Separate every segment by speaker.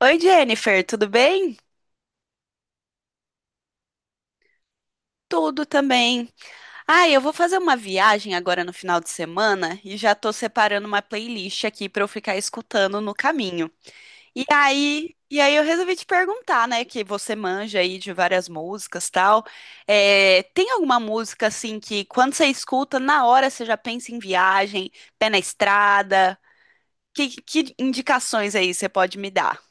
Speaker 1: Oi, Jennifer, tudo bem? Tudo também. Ah, eu vou fazer uma viagem agora no final de semana e já tô separando uma playlist aqui pra eu ficar escutando no caminho. E aí eu resolvi te perguntar, né, que você manja aí de várias músicas, tal. É, tem alguma música assim que quando você escuta, na hora você já pensa em viagem, pé na estrada? Que indicações aí você pode me dar?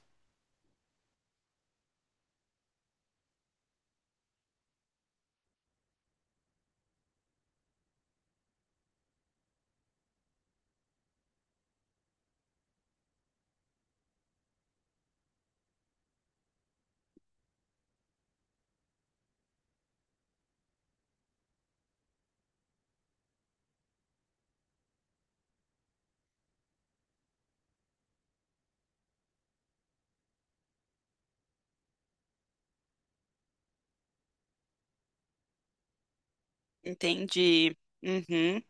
Speaker 1: Entendi. Uhum.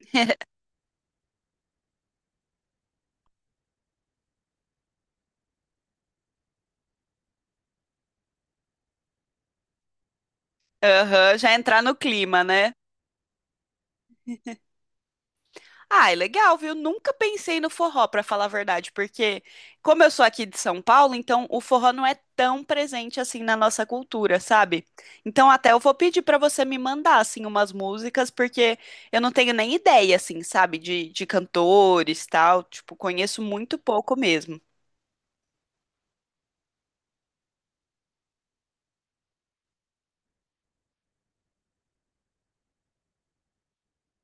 Speaker 1: Aham, já entrar no clima, né? Ah, é legal, viu? Nunca pensei no forró, pra falar a verdade, porque como eu sou aqui de São Paulo, então o forró não é tão presente assim na nossa cultura, sabe? Então até eu vou pedir pra você me mandar assim umas músicas, porque eu não tenho nem ideia assim, sabe, de cantores, tal, tipo, conheço muito pouco mesmo.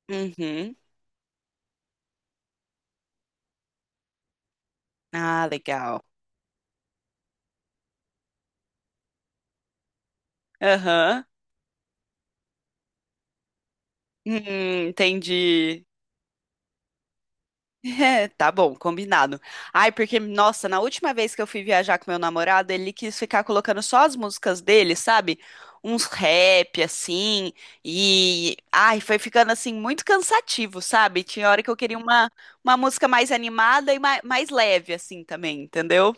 Speaker 1: Uhum. Ah, legal. Aham. Entendi. É, tá bom, combinado. Ai, porque, nossa, na última vez que eu fui viajar com meu namorado, ele quis ficar colocando só as músicas dele, sabe? Uns rap, assim, e... Ai, foi ficando, assim, muito cansativo, sabe? Tinha hora que eu queria uma música mais animada e mais leve, assim, também, entendeu?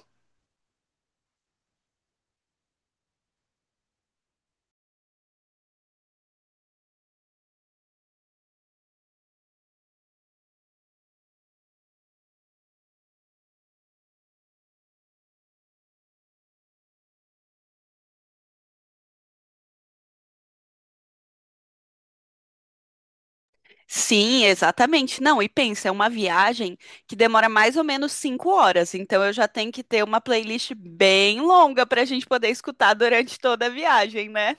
Speaker 1: Sim, exatamente. Não, e pensa, é uma viagem que demora mais ou menos 5 horas, então eu já tenho que ter uma playlist bem longa pra gente poder escutar durante toda a viagem, né?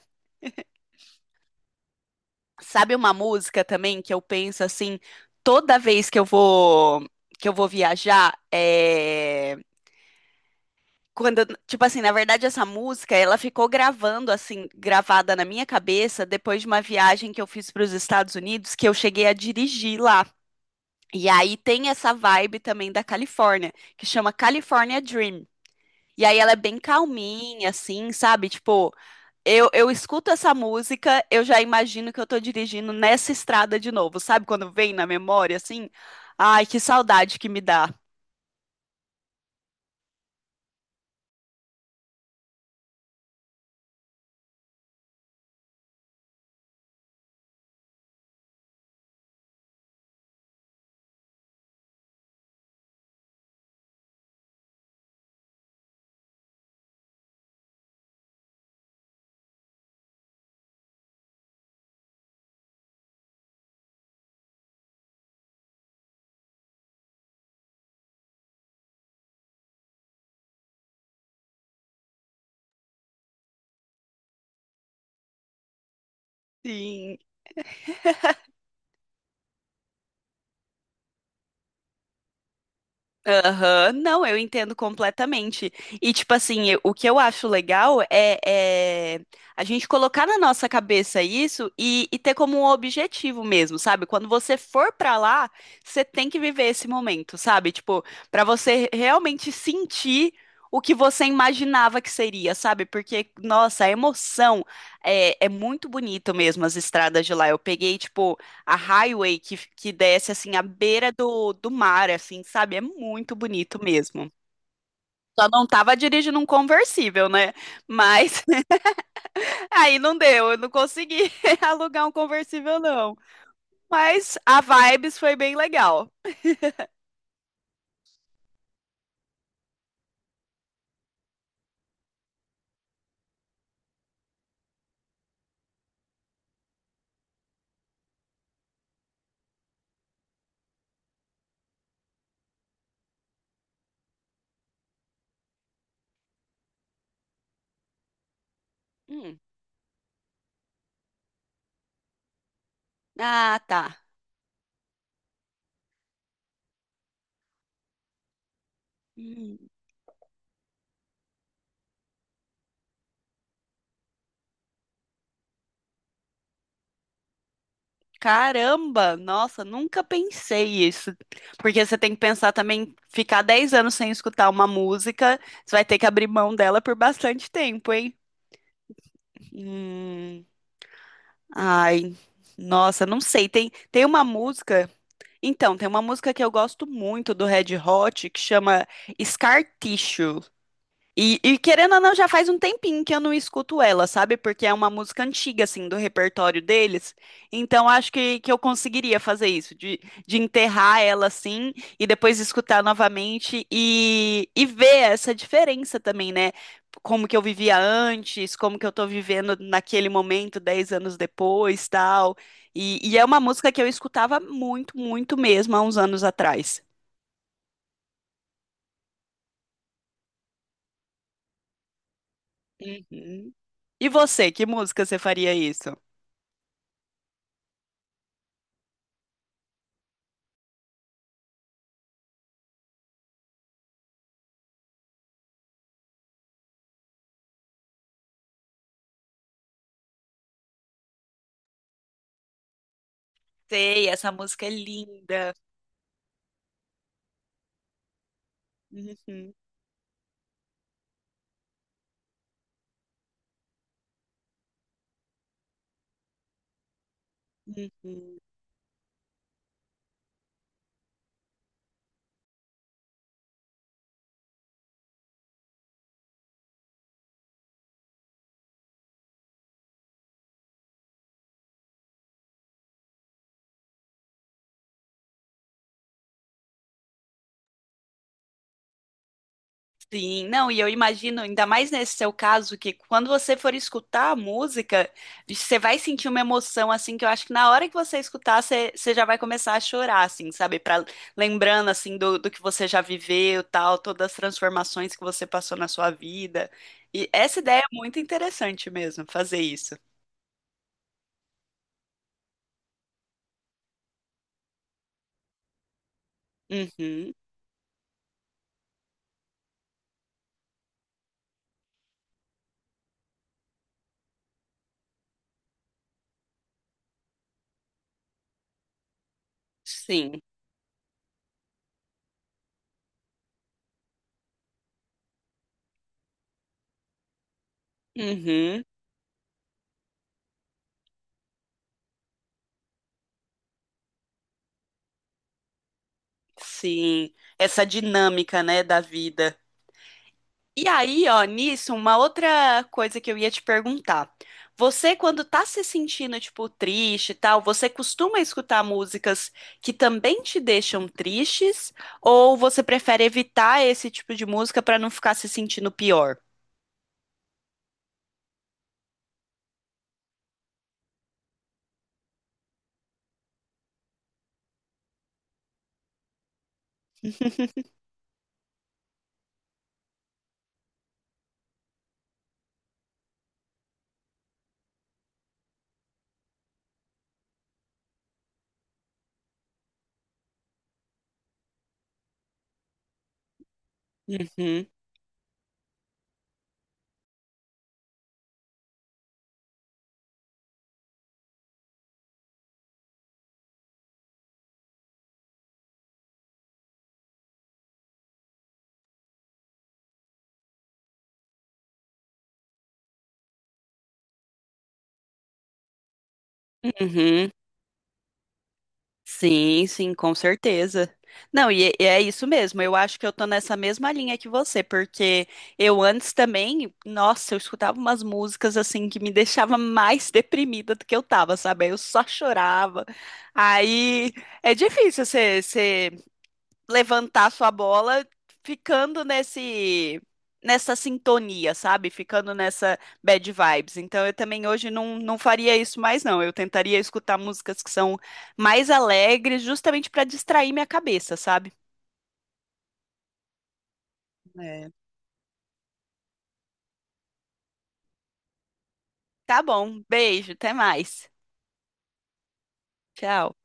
Speaker 1: Sabe uma música também que eu penso assim, toda vez que eu vou viajar, é quando, tipo assim, na verdade essa música, ela ficou gravada na minha cabeça depois de uma viagem que eu fiz para os Estados Unidos, que eu cheguei a dirigir lá. E aí tem essa vibe também da Califórnia, que chama California Dream. E aí ela é bem calminha assim, sabe? Tipo, eu escuto essa música, eu já imagino que eu tô dirigindo nessa estrada de novo, sabe? Quando vem na memória, assim. Ai, que saudade que me dá. Sim. Aham, não, eu entendo completamente. E, tipo assim, o que eu acho legal é a gente colocar na nossa cabeça isso e ter como um objetivo mesmo, sabe? Quando você for pra lá, você tem que viver esse momento, sabe? Tipo, pra você realmente sentir o que você imaginava que seria, sabe? Porque, nossa, a emoção é muito bonito mesmo, as estradas de lá. Eu peguei, tipo a highway que desce assim à beira do mar, assim, sabe? É muito bonito mesmo. Só não tava dirigindo um conversível, né? Mas aí não deu, eu não consegui alugar um conversível, não. Mas a Vibes foi bem legal. Hum. Ah, tá. Hum. Caramba, nossa, nunca pensei isso. Porque você tem que pensar também, ficar 10 anos sem escutar uma música, você vai ter que abrir mão dela por bastante tempo, hein? Hum. Ai, nossa, não sei. Tem uma música. Então, tem uma música que eu gosto muito do Red Hot que chama Scar Tissue. E querendo ou não, já faz um tempinho que eu não escuto ela, sabe? Porque é uma música antiga, assim, do repertório deles. Então, acho que eu conseguiria fazer isso, de enterrar ela, assim, e depois escutar novamente e ver essa diferença também, né? Como que eu vivia antes, como que eu tô vivendo naquele momento, 10 anos depois, tal. E é uma música que eu escutava muito, muito mesmo, há uns anos atrás. Uhum. E você, que música você faria isso? Sei, essa música é linda. Uhum, uhum. Sim, não, e eu imagino, ainda mais nesse seu caso, que quando você for escutar a música, você vai sentir uma emoção, assim, que eu acho que na hora que você escutar, você já vai começar a chorar, assim, sabe? Pra, lembrando, assim, do que você já viveu, tal, todas as transformações que você passou na sua vida. E essa ideia é muito interessante mesmo, fazer isso. Uhum, sim. Uhum, sim. Essa dinâmica, né, da vida. E aí, ó, nisso, uma outra coisa que eu ia te perguntar. Você, quando tá se sentindo, tipo, triste e tal, você costuma escutar músicas que também te deixam tristes? Ou você prefere evitar esse tipo de música pra não ficar se sentindo pior? Uhum, uhum. Sim, sim, com certeza. Não, e é isso mesmo. Eu acho que eu tô nessa mesma linha que você, porque eu antes também, nossa, eu escutava umas músicas assim que me deixava mais deprimida do que eu tava, sabe? Aí eu só chorava. Aí é difícil você levantar sua bola ficando nesse nessa sintonia, sabe? Ficando nessa bad vibes. Então eu também hoje não faria isso mais, não. Eu tentaria escutar músicas que são mais alegres, justamente para distrair minha cabeça, sabe? É. Tá bom, beijo, até mais. Tchau.